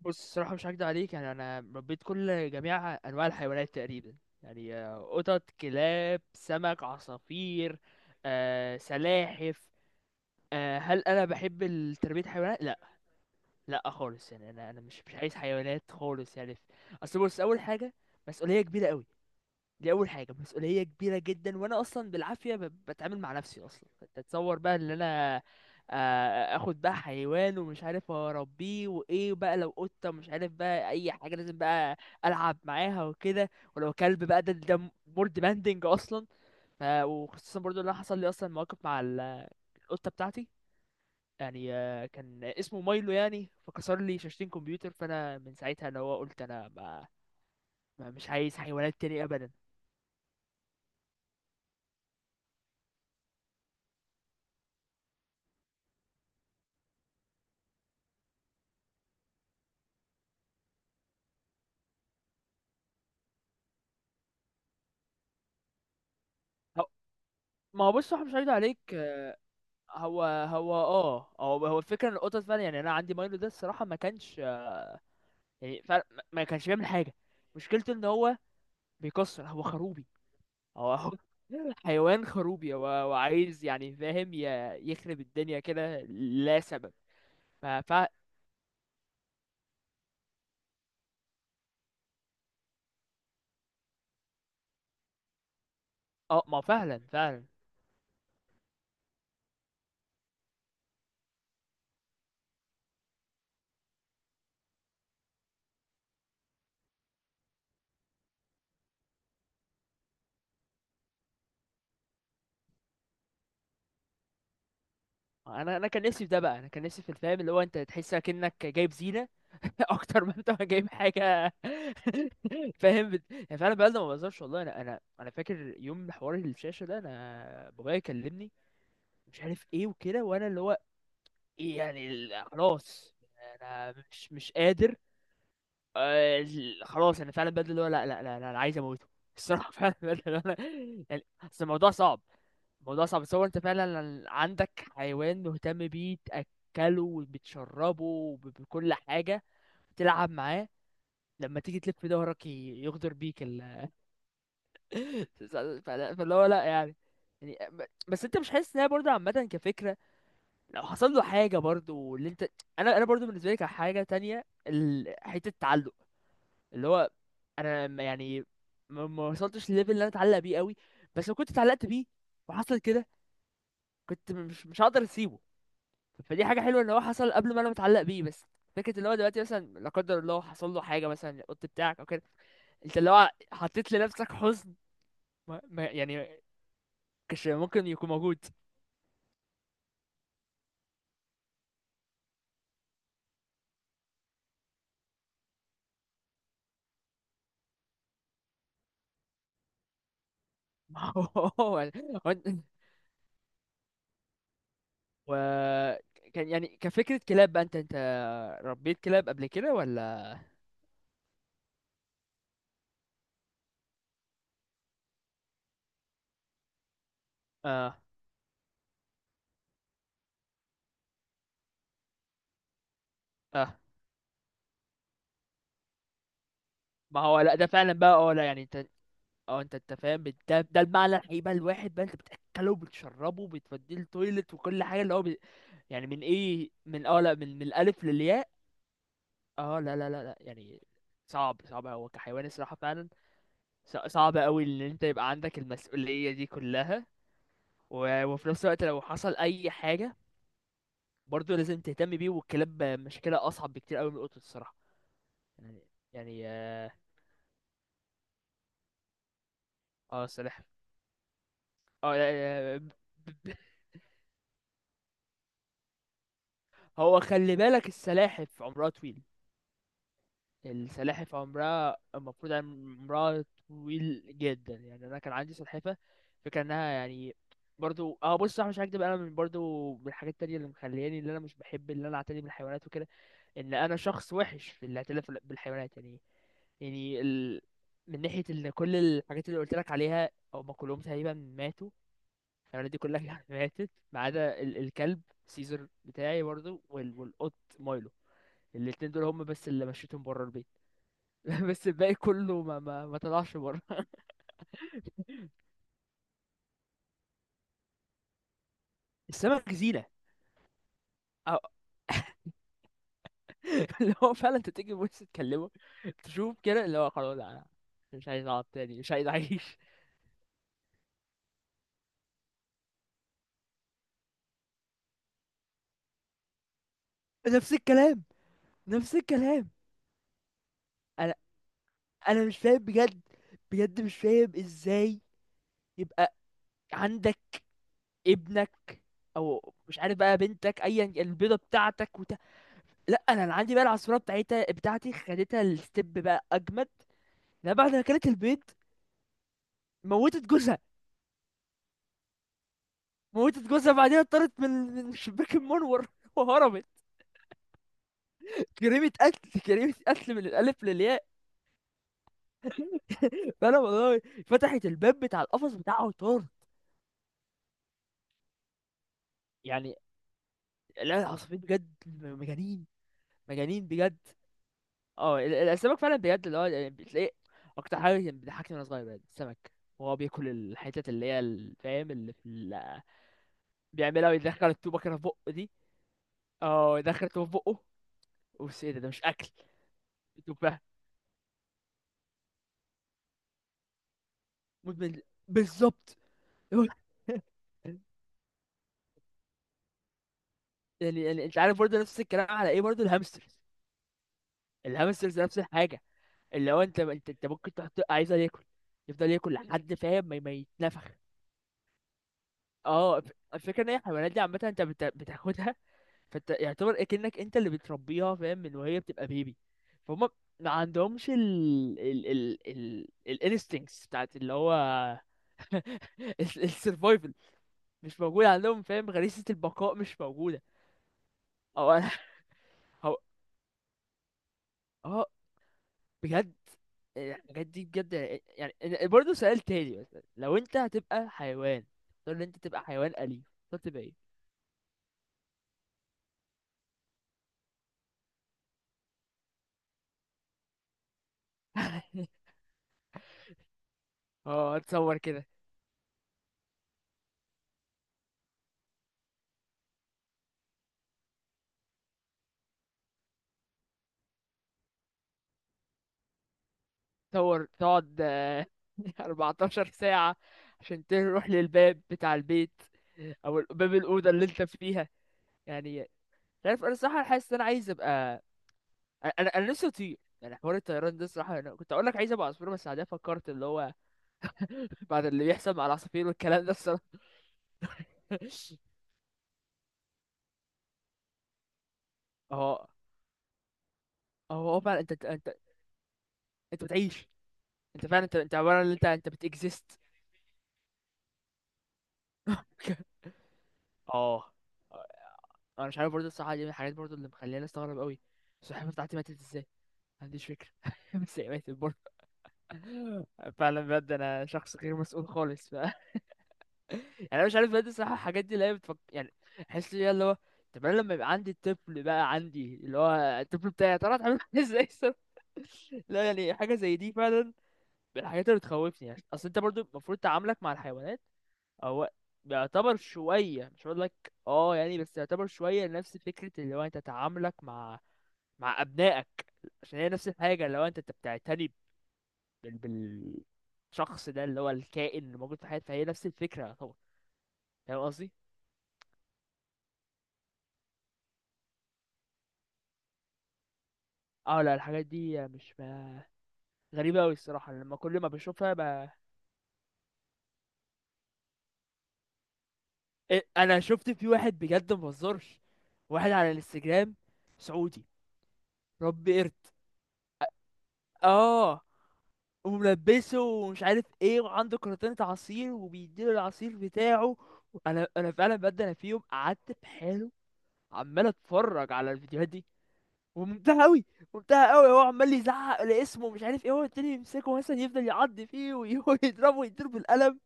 بص الصراحة مش هكدب عليك، يعني أنا ربيت كل جميع أنواع الحيوانات تقريبا. يعني قطط، كلاب، سمك، عصافير، سلاحف. هل أنا بحب تربية الحيوانات؟ لأ. لأ خالص، يعني أنا أنا مش عايز حيوانات خالص يعني. أصل بص، أول حاجة مسؤولية كبيرة أوي. دي اول حاجه، مسؤوليه كبيره جدا، وانا اصلا بالعافيه بتعامل مع نفسي اصلا. انت تصور بقى ان انا اخد بقى حيوان ومش عارف اربيه، وايه بقى لو قطه، مش عارف بقى اي حاجه، لازم بقى العب معاها وكده. ولو كلب بقى، ده مور ديماندنج اصلا. وخصوصا برضو ان انا حصل لي اصلا مواقف مع القطه بتاعتي. يعني كان اسمه مايلو، يعني فكسر لي شاشتين كمبيوتر، فانا من ساعتها اللي هو قلت انا مش عايز حيوانات تاني ابدا. ما هو بص، هو مش هيد عليك. هو اه، هو الفكره ان القطط فعلا، يعني انا عندي مايلو ده الصراحه ما كانش، يعني فعلا ما كانش بيعمل حاجه. مشكلته ان هو بيكسر، هو خروبي. هو حيوان خروبي، هو عايز، يعني فاهم، يخرب الدنيا كده لا سبب. فف اه ما فعلا، فعلا. انا كان نفسي في ده بقى، انا كان نفسي في الفهم اللي هو انت تحس كأنك جايب زينه اكتر ما انت جايب حاجه. فاهم يعني فعلا بقى ده ما بهزرش والله. انا فاكر يوم حوار الشاشه ده، انا بابايا كلمني، مش عارف ايه وكده، وانا اللي هو، إيه يعني خلاص انا مش قادر. خلاص انا فعلا بدل اللي هو، لا لا لا لا، انا عايز اموته الصراحه. فعلا بدل اللي هو انا، يعني اصل الموضوع صعب. الموضوع صعب. تصور انت فعلا عندك حيوان، مهتم بيه، تاكله وبتشربه بكل حاجه، تلعب معاه، لما تيجي تلف ظهرك يغدر بيك ال... فاللي هو لا، يعني بس انت مش حاسس انها برضه عامة كفكرة؟ لو حصل له حاجة برضه اللي انت. انا انا برضه بالنسبة لي كحاجة تانية حتة التعلق، اللي هو انا يعني ما وصلتش لليفل اللي انا اتعلق بيه قوي، بس لو كنت اتعلقت بيه وحصل كده، كنت مش هقدر اسيبه. فدي حاجة حلوة ان هو حصل قبل ما انا متعلق بيه. بس فكرة اللي هو دلوقتي مثلا، لا قدر الله، حصل له حاجة مثلا القط بتاعك او كده، انت اللي هو حطيت لنفسك حزن. يعني كش ممكن يكون موجود. ما هو، هو أنت، و، كان يعني كفكرة كلاب بقى، انت ربيت كلاب قبل كده ولا؟ اه اه. ما هو لا ده فعلا بقى، اه لا يعني، انت اه انت انت فاهم ده، ده المعنى الحقيقي بقى، الواحد بقى انت بتاكله وبتشربه بتوديه التويلت وكل حاجة اللي هو يعني من ايه، من اه لا، من من الالف للياء. اه لا يعني صعب، صعب هو كحيوان الصراحة فعلا. صعب قوي ان انت يبقى عندك المسؤولية دي كلها، وفي نفس الوقت لو حصل اي حاجه برضو لازم تهتم بيه. والكلاب مشكله اصعب بكتير قوي من القطط الصراحه، يعني. يعني اه. السلاحف، اه لا، ب- هو خلي بالك السلاحف عمرها طويل. السلاحف عمرها، المفروض يعني عمرها طويل جدا. يعني انا كان عندي سلحفه، فكره انها يعني، برضو اه بص صح مش هكدب، انا من برضو من الحاجات التانية اللي مخلياني اللي انا مش بحب اللي انا اعتني بالحيوانات وكده، ان انا شخص وحش في الاعتلاف بالحيوانات يعني. يعني ال... من ناحية ان كل الحاجات اللي قلت لك عليها، او ما كلهم تقريبا ماتوا. الحيوانات دي كلها ماتت، ما عدا الكلب سيزر بتاعي برضو والقط مايلو. الاتنين دول هم بس اللي مشيتهم بره البيت. بس الباقي كله ما طلعش بره. السمك زينة، أو... اللي هو فعلا انت تيجي بص تكلمه، تشوف كده اللي هو خلاص، لا أنا مش عايز اقعد تاني، مش عايز اعيش. نفس الكلام. نفس الكلام. انا مش فاهم بجد، بجد مش فاهم ازاي يبقى عندك ابنك، او مش عارف بقى بنتك، ايا البيضه بتاعتك لا، انا اللي عندي بقى العصفوره بتاعتها بتاعتي خدتها الستيب بقى اجمد. لما بعد ما كانت البيض، موتت جوزها. موتت جوزها، بعدين اتطرت من من الشباك المنور وهربت. جريمة قتل، جريمة قتل من الألف للياء. فأنا والله فتحت الباب بتاع القفص بتاعه وطار. يعني لا، العصافير بجد مجانين، مجانين بجد. اه السمك فعلا بجد، اللي هو يعني بتلاقي اكتر حاجه كان بتضحكني وانا صغير بجد السمك، وهو بياكل الحتت اللي هي فاهم اللي في بيعملها ويدخل التوبه كده في بقه دي. اه يدخل التوبه في بقه، بص ايه ده، ده مش اكل. تبقى مدمن. بالظبط. يعني، يعني انت عارف برضه نفس الكلام على ايه، برضه الهامسترز. الهامسترز نفس الحاجه، اللي هو انت ممكن تحط عايزه ياكل، يفضل ياكل لحد فاهم ما يتنفخ. اه الفكره ان هي الحيوانات دي عامه، انت بتاخدها، فانت يعتبر اكنك انت اللي بتربيها، فاهم، من وهي بتبقى بيبي. فهم. ما عندهمش ال الانستنكتس بتاعت اللي هو السرفايفل. مش موجود عندهم، فاهم، غريزة البقاء مش موجودة. او انا هو، اه. بجد يعني الحاجات دي بجد. يعني برضه سؤال تاني مثلا، لو انت هتبقى حيوان، تقول ان انت تبقى حيوان أليف، تختار تبقى ايه؟ اه اتصور كده. تطور تقعد 14 ساعة عشان تروح للباب بتاع البيت، او باب الأوضة اللي انت فيها، يعني. مش عارف، انا الصراحة حاسس ان انا عايز ابقى، انا نفسي اطير، يعني حوار الطيران ده الصراحة. انا كنت اقول لك عايز ابقى عصفور، بس بعدين فكرت اللي هو، بعد اللي بيحصل مع العصافير والكلام ده الصراحة. اه، اه هو فعلا انت انت بتعيش. انت فعلا، انت انت عبارة عن، انت بتكزيست. اه. انا مش عارف برضه الصراحه، دي من الحاجات برضه اللي مخليني استغرب قوي. السلحفاه بتاعتي ماتت ازاي، ما عنديش فكرة. بس لعبت البورد. فعلا بجد انا شخص غير مسؤول خالص ف يعني. انا مش عارف بجد الصراحة، الحاجات دي اللي هي يعني احس ليها اللي هو، طب انا لما يبقى عندي الطفل، بقى عندي اللي هو الطفل بتاعي، يا ترى هتعمل معاه ازاي الصراحة؟ لا يعني حاجة زي دي فعلا من الحاجات اللي بتخوفني، يعني اصل انت برضو المفروض تعاملك مع الحيوانات هو بيعتبر شوية، مش هقول لك اه يعني، بس يعتبر شوية نفس فكرة اللي هو انت تعاملك مع مع ابنائك. عشان هي نفس الحاجة، اللي هو انت بتعتني بال... بالشخص ده، اللي هو الكائن اللي موجود في حياتي، فهي نفس الفكرة طبعا. فاهم قصدي؟ اه لا الحاجات دي مش ما... غريبة أوي الصراحة، لما كل ما بشوفها إيه، أنا شفت في واحد بجد مبهزرش، واحد على الانستجرام سعودي، ربي قرد، اه، وملبسه ومش عارف ايه، وعنده كرتونة عصير وبيديله العصير بتاعه. انا فعلا بجد، انا في يوم قعدت في حاله عمال اتفرج على الفيديوهات دي، وممتعة قوي. ممتعة قوي، هو عمال يزعق لاسمه مش عارف ايه، هو التاني يمسكه مثلا، يفضل يعض فيه ويضربه ويضربه بالقلم.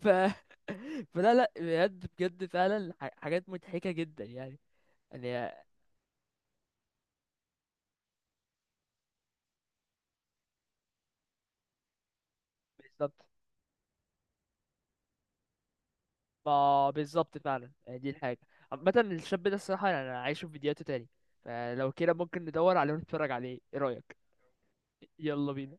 ف فلا لا بجد، بجد فعلا حاجات مضحكة جدا يعني. يعني بالظبط. ما بالظبط فعلا، يعني دي الحاجة عامة. الشاب ده الصراحة يعني، أنا عايشه في فيديوهاته تاني. فلو كده ممكن ندور عليه ونتفرج عليه، ايه رأيك؟ يلا بينا.